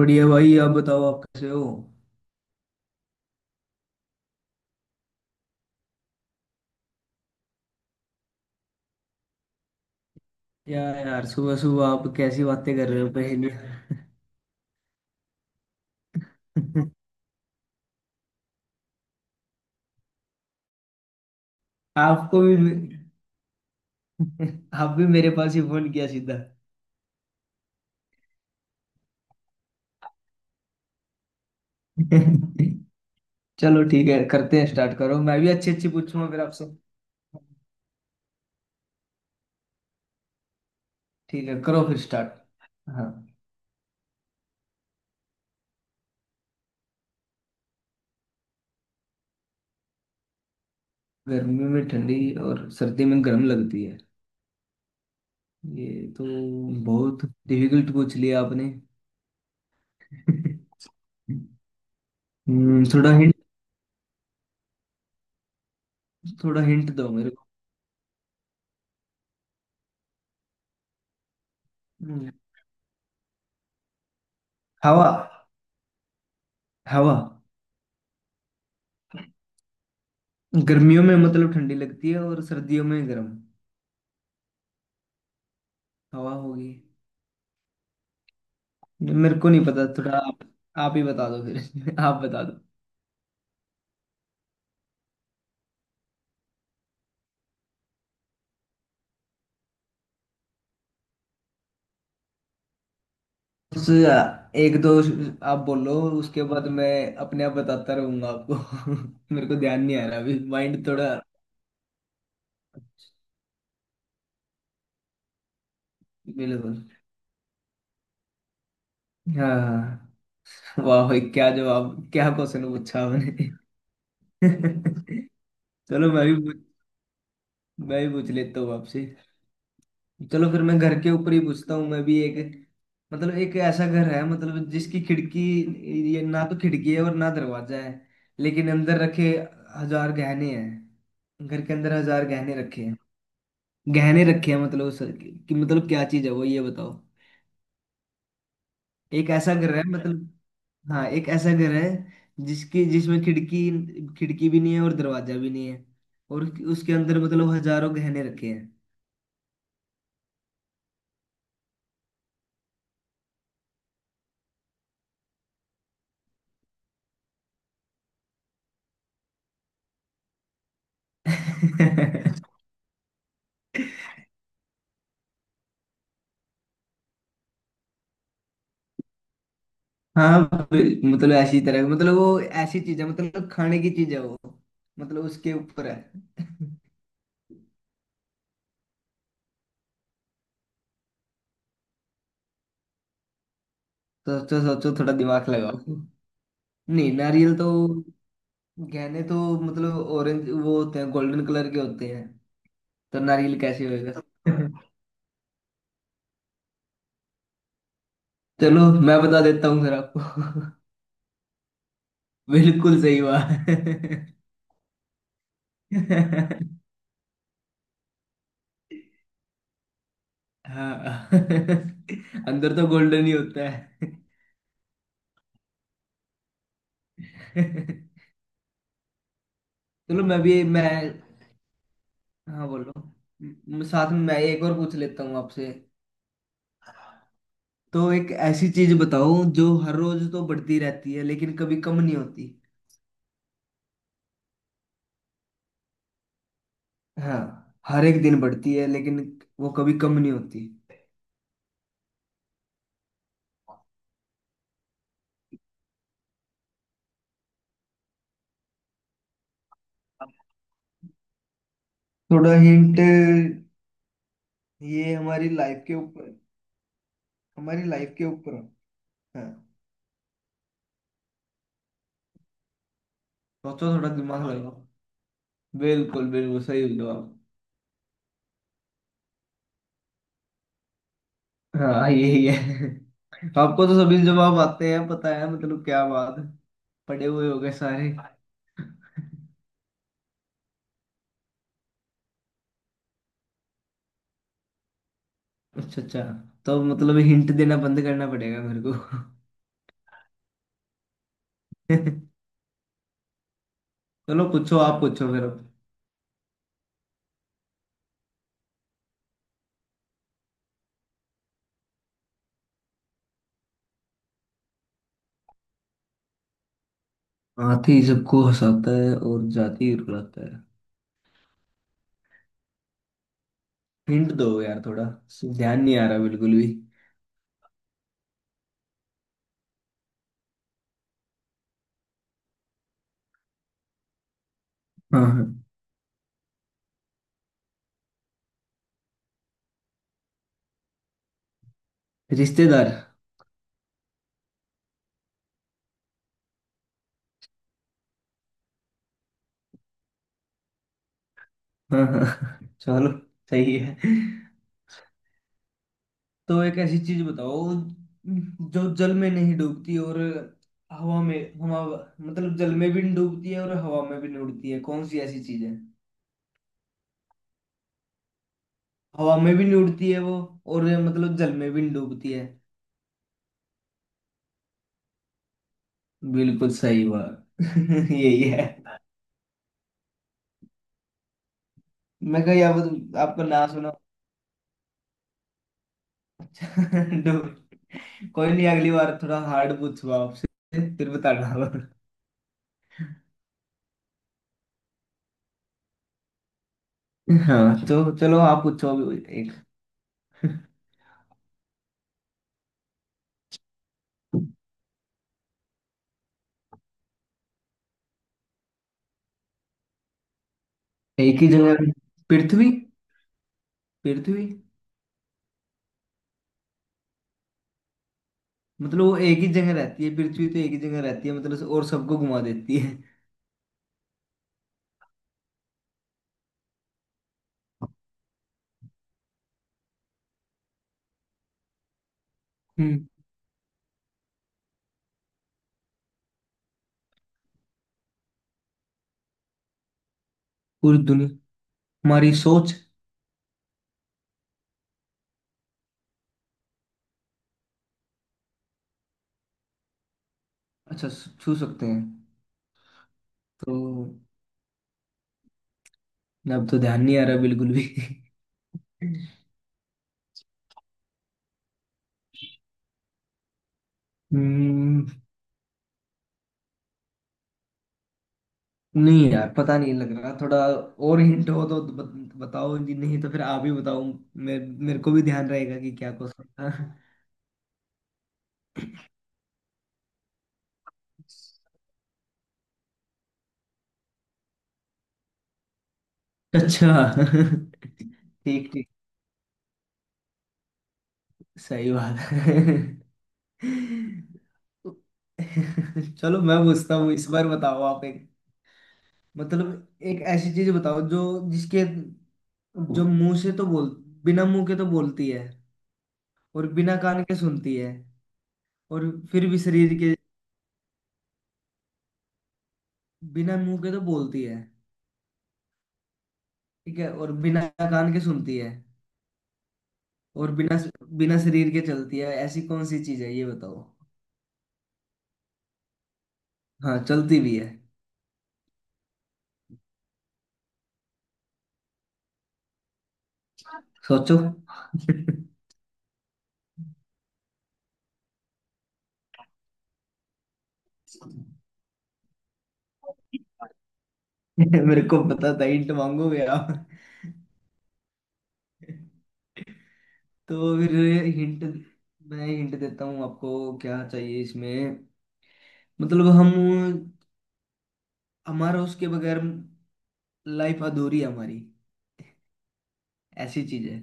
बढ़िया भाई, आप बताओ, आप कैसे हो? या यार, सुबह सुबह आप कैसी बातें कर रहे हो, पहेली? आपको भी। आप भी मेरे पास ही फोन किया सीधा। चलो ठीक है, करते हैं। स्टार्ट करो, मैं भी अच्छी अच्छी पूछूंगा फिर आपसे। ठीक है, करो फिर स्टार्ट। हाँ। गर्मी में ठंडी और सर्दी में गर्म लगती है? ये तो बहुत डिफिकल्ट पूछ लिया आपने। थोड़ा हिंट। थोड़ा हिंट दो मेरे को। हम्म, हवा। हवा। गर्मियों में मतलब ठंडी लगती है और सर्दियों में गर्म? हवा होगी। मेरे को नहीं पता, थोड़ा आप। आप ही बता दो फिर। आप बता दो। उस, एक दो आप बोलो, उसके बाद मैं अपने आप बताता रहूंगा आपको। मेरे को ध्यान नहीं आ रहा अभी, माइंड थोड़ा। बिल्कुल। हाँ हाँ। वाह भाई, क्या जवाब, क्या क्वेश्चन पूछा आपने। चलो, मैं भी पूछ लेता हूँ आपसे। चलो फिर, मैं घर के ऊपर ही पूछता हूँ मैं भी एक। मतलब एक ऐसा घर है, मतलब जिसकी खिड़की, ये ना तो खिड़की है और ना दरवाजा है, लेकिन अंदर रखे हजार गहने हैं। घर के अंदर हजार गहने रखे हैं। गहने रखे हैं, मतलब उस कि मतलब क्या चीज है वो, ये बताओ। एक ऐसा घर है मतलब। हाँ, एक ऐसा घर है जिसकी जिसमें खिड़की, खिड़की भी नहीं है और दरवाजा भी नहीं है। और उसके अंदर मतलब हजारों गहने रखे हैं। हाँ। मतलब ऐसी तरह, मतलब वो ऐसी चीज है, मतलब खाने की चीज है वो। मतलब उसके ऊपर है। तो सोचो सोचो, थोड़ा दिमाग लगाओ। नहीं, नारियल तो, गहने तो, मतलब ऑरेंज वो होते हैं, गोल्डन कलर के होते हैं, तो नारियल कैसे होएगा। चलो, मैं बता देता हूँ फिर आपको। बिल्कुल सही बात। हाँ। अंदर तो गोल्डन ही होता है। चलो, मैं भी, मैं। हाँ, बोलो। साथ में मैं एक और पूछ लेता हूँ आपसे। तो एक ऐसी चीज बताओ जो हर रोज तो बढ़ती रहती है, लेकिन कभी कम नहीं होती। हाँ, हर एक दिन बढ़ती है, लेकिन वो कभी कम नहीं होती। थोड़ा हिंट, ये हमारी लाइफ के ऊपर। हमारी लाइफ के ऊपर है। हाँ। सोचो, थोड़ा दिमाग लगाओ। बिल्कुल बिल्कुल सही जवाब। हाँ, यही है। आपको तो सभी जवाब आते हैं, पता है, मतलब क्या बात है। पढ़े हुए हो गए सारे। अच्छा अच्छा, तो मतलब हिंट देना बंद करना पड़ेगा मेरे को। चलो पूछो, आप पूछो फिर अब। हाथी सबको हंसाता है और जाति रुलाता है? हिंट दो यार थोड़ा, ध्यान नहीं आ रहा बिल्कुल भी। हाँ हाँ। रिश्तेदार। हाँ हाँ, चलो। सही है। तो एक ऐसी चीज बताओ, जो जल में नहीं डूबती और हवा में, हवा, मतलब जल में भी नहीं डूबती है और हवा में भी नहीं उड़ती है। कौन सी ऐसी चीज है? हवा में भी नहीं उड़ती है वो, और मतलब जल में भी नहीं डूबती है। बिल्कुल सही बात। यही है। मैं कहीं आपको ना सुना। कोई नहीं, अगली बार थोड़ा हार्ड पूछूंगा आपसे, फिर बताना। हाँ, तो चलो, आप पूछो अभी एक। एक ही जगह, पृथ्वी। पृथ्वी। मतलब वो एक ही जगह रहती है, पृथ्वी तो एक ही जगह रहती है, मतलब और सबको घुमा देती है। हम्म। पूरी दुनिया, हमारी सोच। अच्छा, छू सकते हैं। तो अब तो ध्यान नहीं आ रहा बिल्कुल भी। हम्म। नहीं यार, पता नहीं लग रहा थोड़ा। और हिंट हो तो बताओ जी, नहीं तो फिर आप ही बताओ। मेरे मेरे को भी ध्यान रहेगा कि क्या क्वेश्चन था। अच्छा। ठीक ठीक, सही बात है। चलो, मैं पूछता हूँ इस बार, बताओ आप एक। मतलब एक ऐसी चीज बताओ जो जिसके जो मुंह से तो बोल बिना मुंह के तो बोलती है और बिना कान के सुनती है। और फिर भी शरीर के बिना मुंह के तो बोलती है। ठीक है, और बिना कान के सुनती है। और बिना बिना शरीर के चलती है। ऐसी कौन सी चीज है, ये बताओ। हाँ, चलती भी है। सोचो। मेरे को पता था हिंट मांगोगे आप। तो फिर हिंट, मैं हिंट देता हूँ आपको, क्या चाहिए इसमें। मतलब हम हमारा, उसके बगैर लाइफ अधूरी है हमारी। ऐसी चीज है।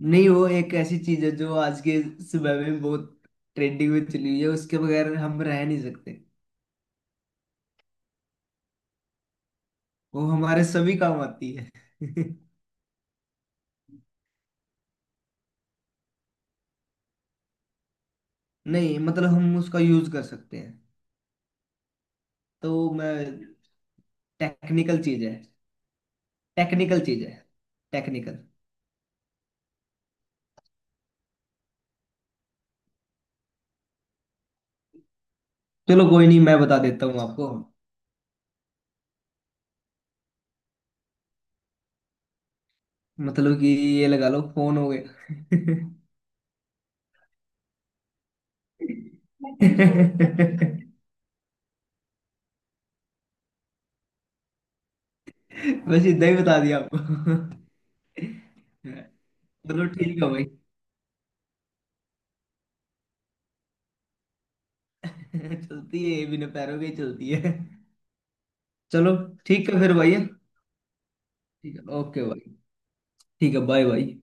नहीं, वो एक ऐसी चीज है जो आज के समय में बहुत ट्रेंडिंग में चली हुई है, उसके बगैर हम रह नहीं सकते। वो हमारे सभी काम आती है। नहीं, मतलब हम उसका यूज कर सकते हैं। तो मैं, टेक्निकल चीज है, टेक्निकल चीज है, टेक्निकल। चलो कोई नहीं, मैं बता देता हूँ आपको। मतलब कि ये, लगा लो फोन हो गया। बस इतना ही बता दिया आपको। चलो, ठीक है भाई। चलती है, ये बिना पैरों के ही चलती है। चलो, ठीक है फिर भाई। ठीक है, ओके भाई। ठीक है, बाय भाई।